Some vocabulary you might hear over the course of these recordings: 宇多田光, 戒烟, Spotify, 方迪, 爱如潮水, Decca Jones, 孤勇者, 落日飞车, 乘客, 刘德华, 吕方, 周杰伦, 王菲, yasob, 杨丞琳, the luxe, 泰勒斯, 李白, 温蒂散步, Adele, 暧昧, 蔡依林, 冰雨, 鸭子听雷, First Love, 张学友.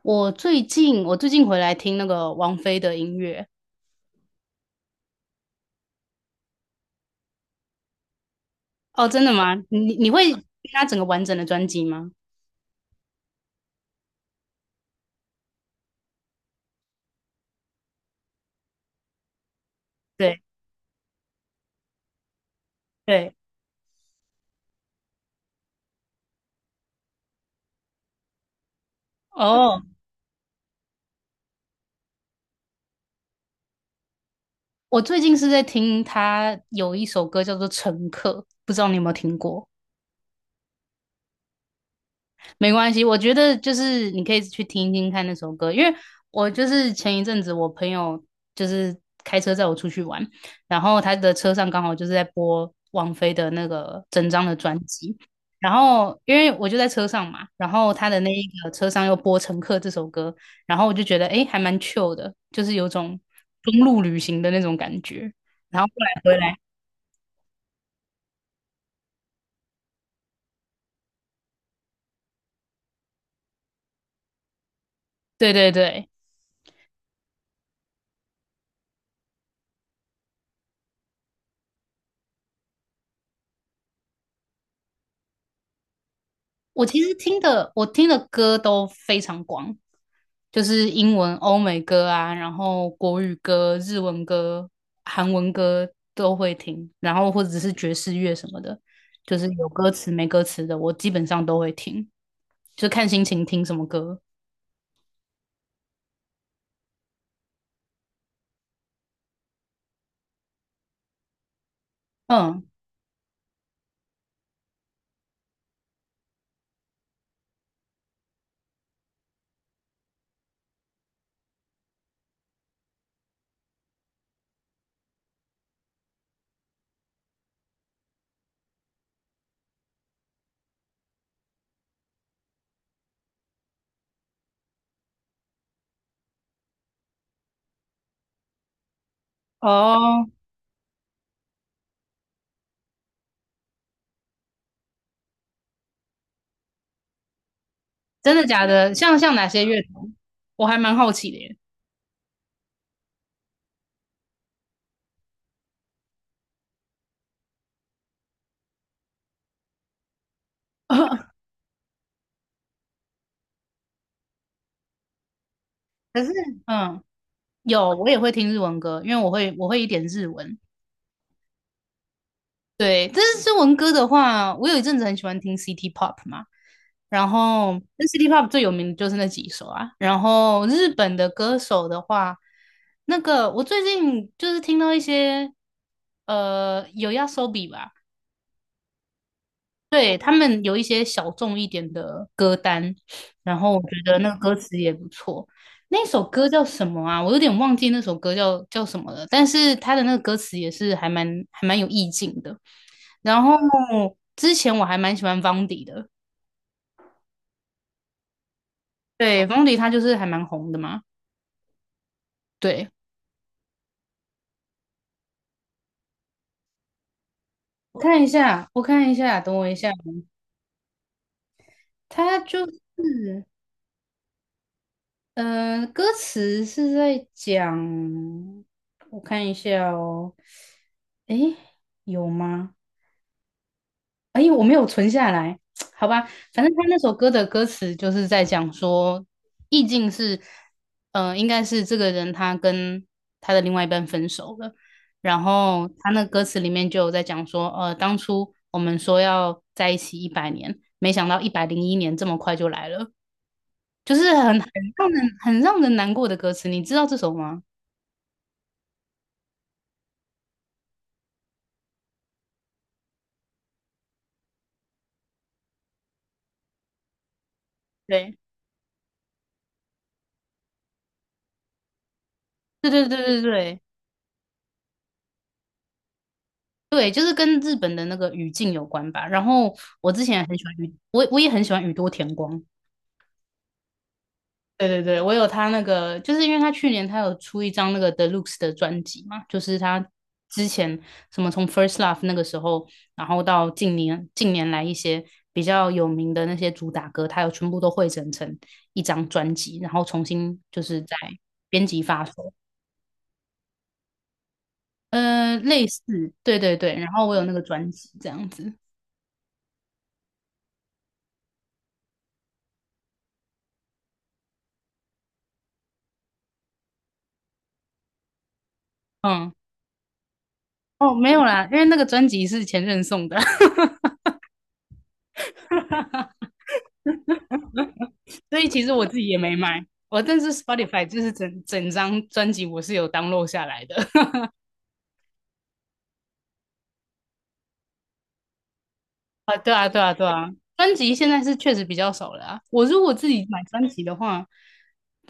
我最近回来听那个王菲的音乐。哦，真的吗？你会听她整个完整的专辑吗？对对。哦，我最近是在听她有一首歌叫做《乘客》，不知道你有没有听过？没关系，我觉得就是你可以去听听看那首歌，因为我就是前一阵子我朋友就是开车载我出去玩，然后他的车上刚好就是在播王菲的那个整张的专辑，然后因为我就在车上嘛，然后他的那一个车上又播《乘客》这首歌，然后我就觉得诶还蛮 chill 的，就是有种公路旅行的那种感觉，然后后来回来，对对对，我听的歌都非常广，就是英文、欧美歌啊，然后国语歌、日文歌、韩文歌都会听，然后或者是爵士乐什么的，就是有歌词没歌词的，我基本上都会听，就看心情听什么歌。嗯，哦，真的假的？像哪些乐团？我还蛮好奇的耶。可是，嗯，有我也会听日文歌，因为我会一点日文，对，但是中文歌的话，我有一阵子很喜欢听 City Pop 嘛，然后那 City Pop 最有名的就是那几首啊。然后日本的歌手的话，那个我最近就是听到一些有 YOASOBI 吧，对，他们有一些小众一点的歌单，然后我觉得那个歌词也不错。那首歌叫什么啊？我有点忘记那首歌叫什么了，但是他的那个歌词也是还蛮有意境的。然后之前我还蛮喜欢方迪的，对，方迪他就是还蛮红的嘛。对，我看一下，我看一下，等我一下，他就是。歌词是在讲，我看一下哦，诶，有吗？诶，我没有存下来，好吧，反正他那首歌的歌词就是在讲说，意境是，应该是这个人他跟他的另外一半分手了，然后他那歌词里面就有在讲说，当初我们说要在一起100年，没想到101年这么快就来了。就是很让人很让人难过的歌词，你知道这首吗？对，对对对对对对，就是跟日本的那个语境有关吧。然后我我也很喜欢宇多田光。对对对，我有他那个，就是因为他去年他有出一张那个 THE LUXE 的专辑嘛，就是他之前什么从 First Love 那个时候，然后到近年来一些比较有名的那些主打歌，他有全部都汇整成一张专辑，然后重新就是在编辑发售。类似，对对对，然后我有那个专辑这样子，嗯，哦，没有啦，因为那个专辑是前任送的，所以其实我自己也没买，我但是 Spotify 就是整整张专辑我是有 download 下来的，啊，对啊，对啊，对啊，专辑现在是确实比较少了啊，我如果自己买专辑的话，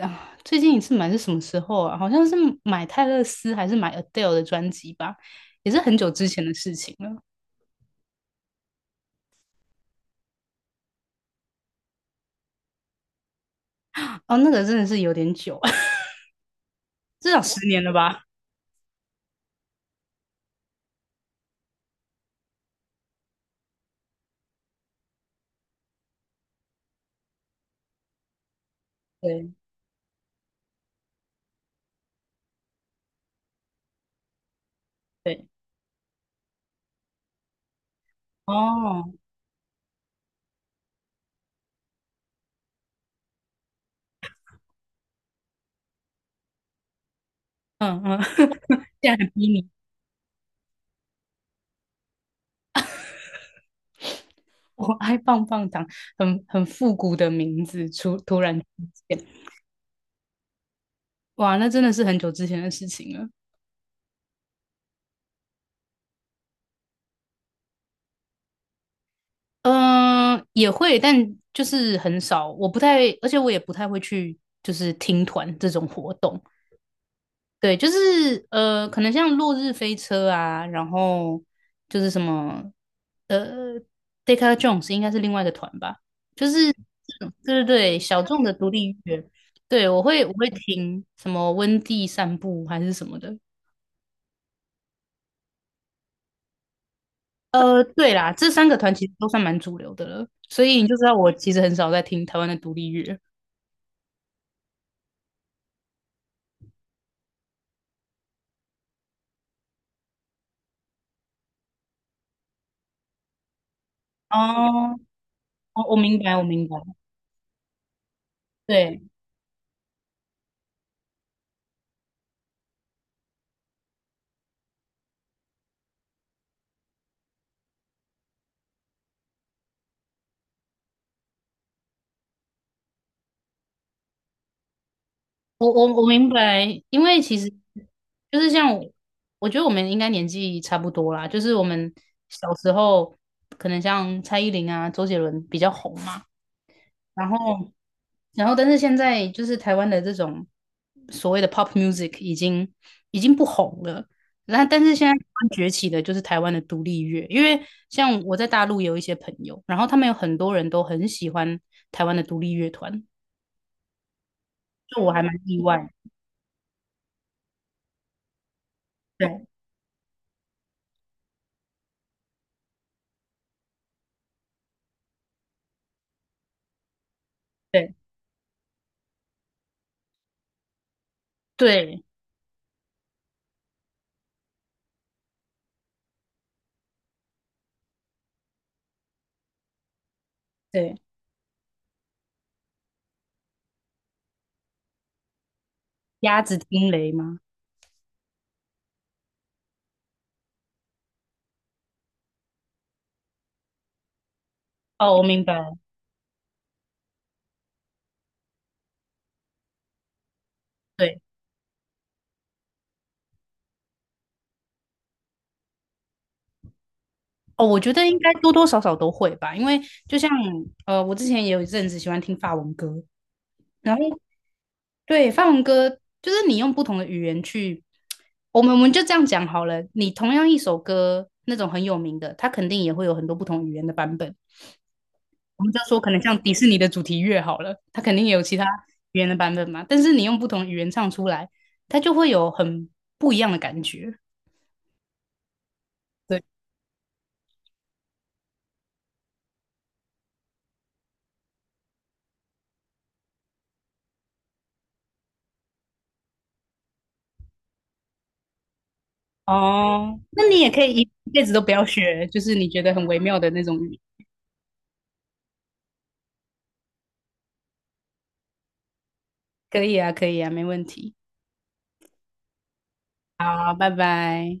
啊，最近一次买是什么时候啊？好像是买泰勒斯还是买 Adele 的专辑吧，也是很久之前的事情了，哦，那个真的是有点久，至少10年了吧。对对，哦，嗯嗯，竟然还逼你，我爱棒棒糖，很很复古的名字出突然出现，哇，那真的是很久之前的事情了。嗯、也会，但就是很少，我不太，而且我也不太会去，就是听团这种活动，对，就是可能像《落日飞车》啊，然后就是什么呃，Decca Jones 应该是另外一个团吧，就是这种对对对，小众的独立音乐，对我会听什么温蒂散步还是什么的，对啦，这三个团其实都算蛮主流的了，所以你就知道我其实很少在听台湾的独立乐。哦，我明白，我明白，对。我明白，因为其实就是像我，我觉得我们应该年纪差不多啦，就是我们小时候可能像蔡依林啊、周杰伦比较红嘛，然后然后但是现在就是台湾的这种所谓的 pop music 已经不红了，那但是现在台湾崛起的就是台湾的独立乐，因为像我在大陆有一些朋友，然后他们有很多人都很喜欢台湾的独立乐团，就我还蛮意外，对对。对对，鸭子听雷吗？哦，我明白了。对，哦，我觉得应该多多少少都会吧，因为就像我之前也有一阵子喜欢听法文歌，然后对法文歌就是你用不同的语言去，我们就这样讲好了。你同样一首歌，那种很有名的，它肯定也会有很多不同语言的版本。我们就说可能像迪士尼的主题乐好了，它肯定也有其他语言的版本嘛。但是你用不同语言唱出来，它就会有很不一样的感觉。对。哦，那你也可以一辈子都不要学，就是你觉得很微妙的那种语言可以啊，可以啊，没问题。好，拜拜。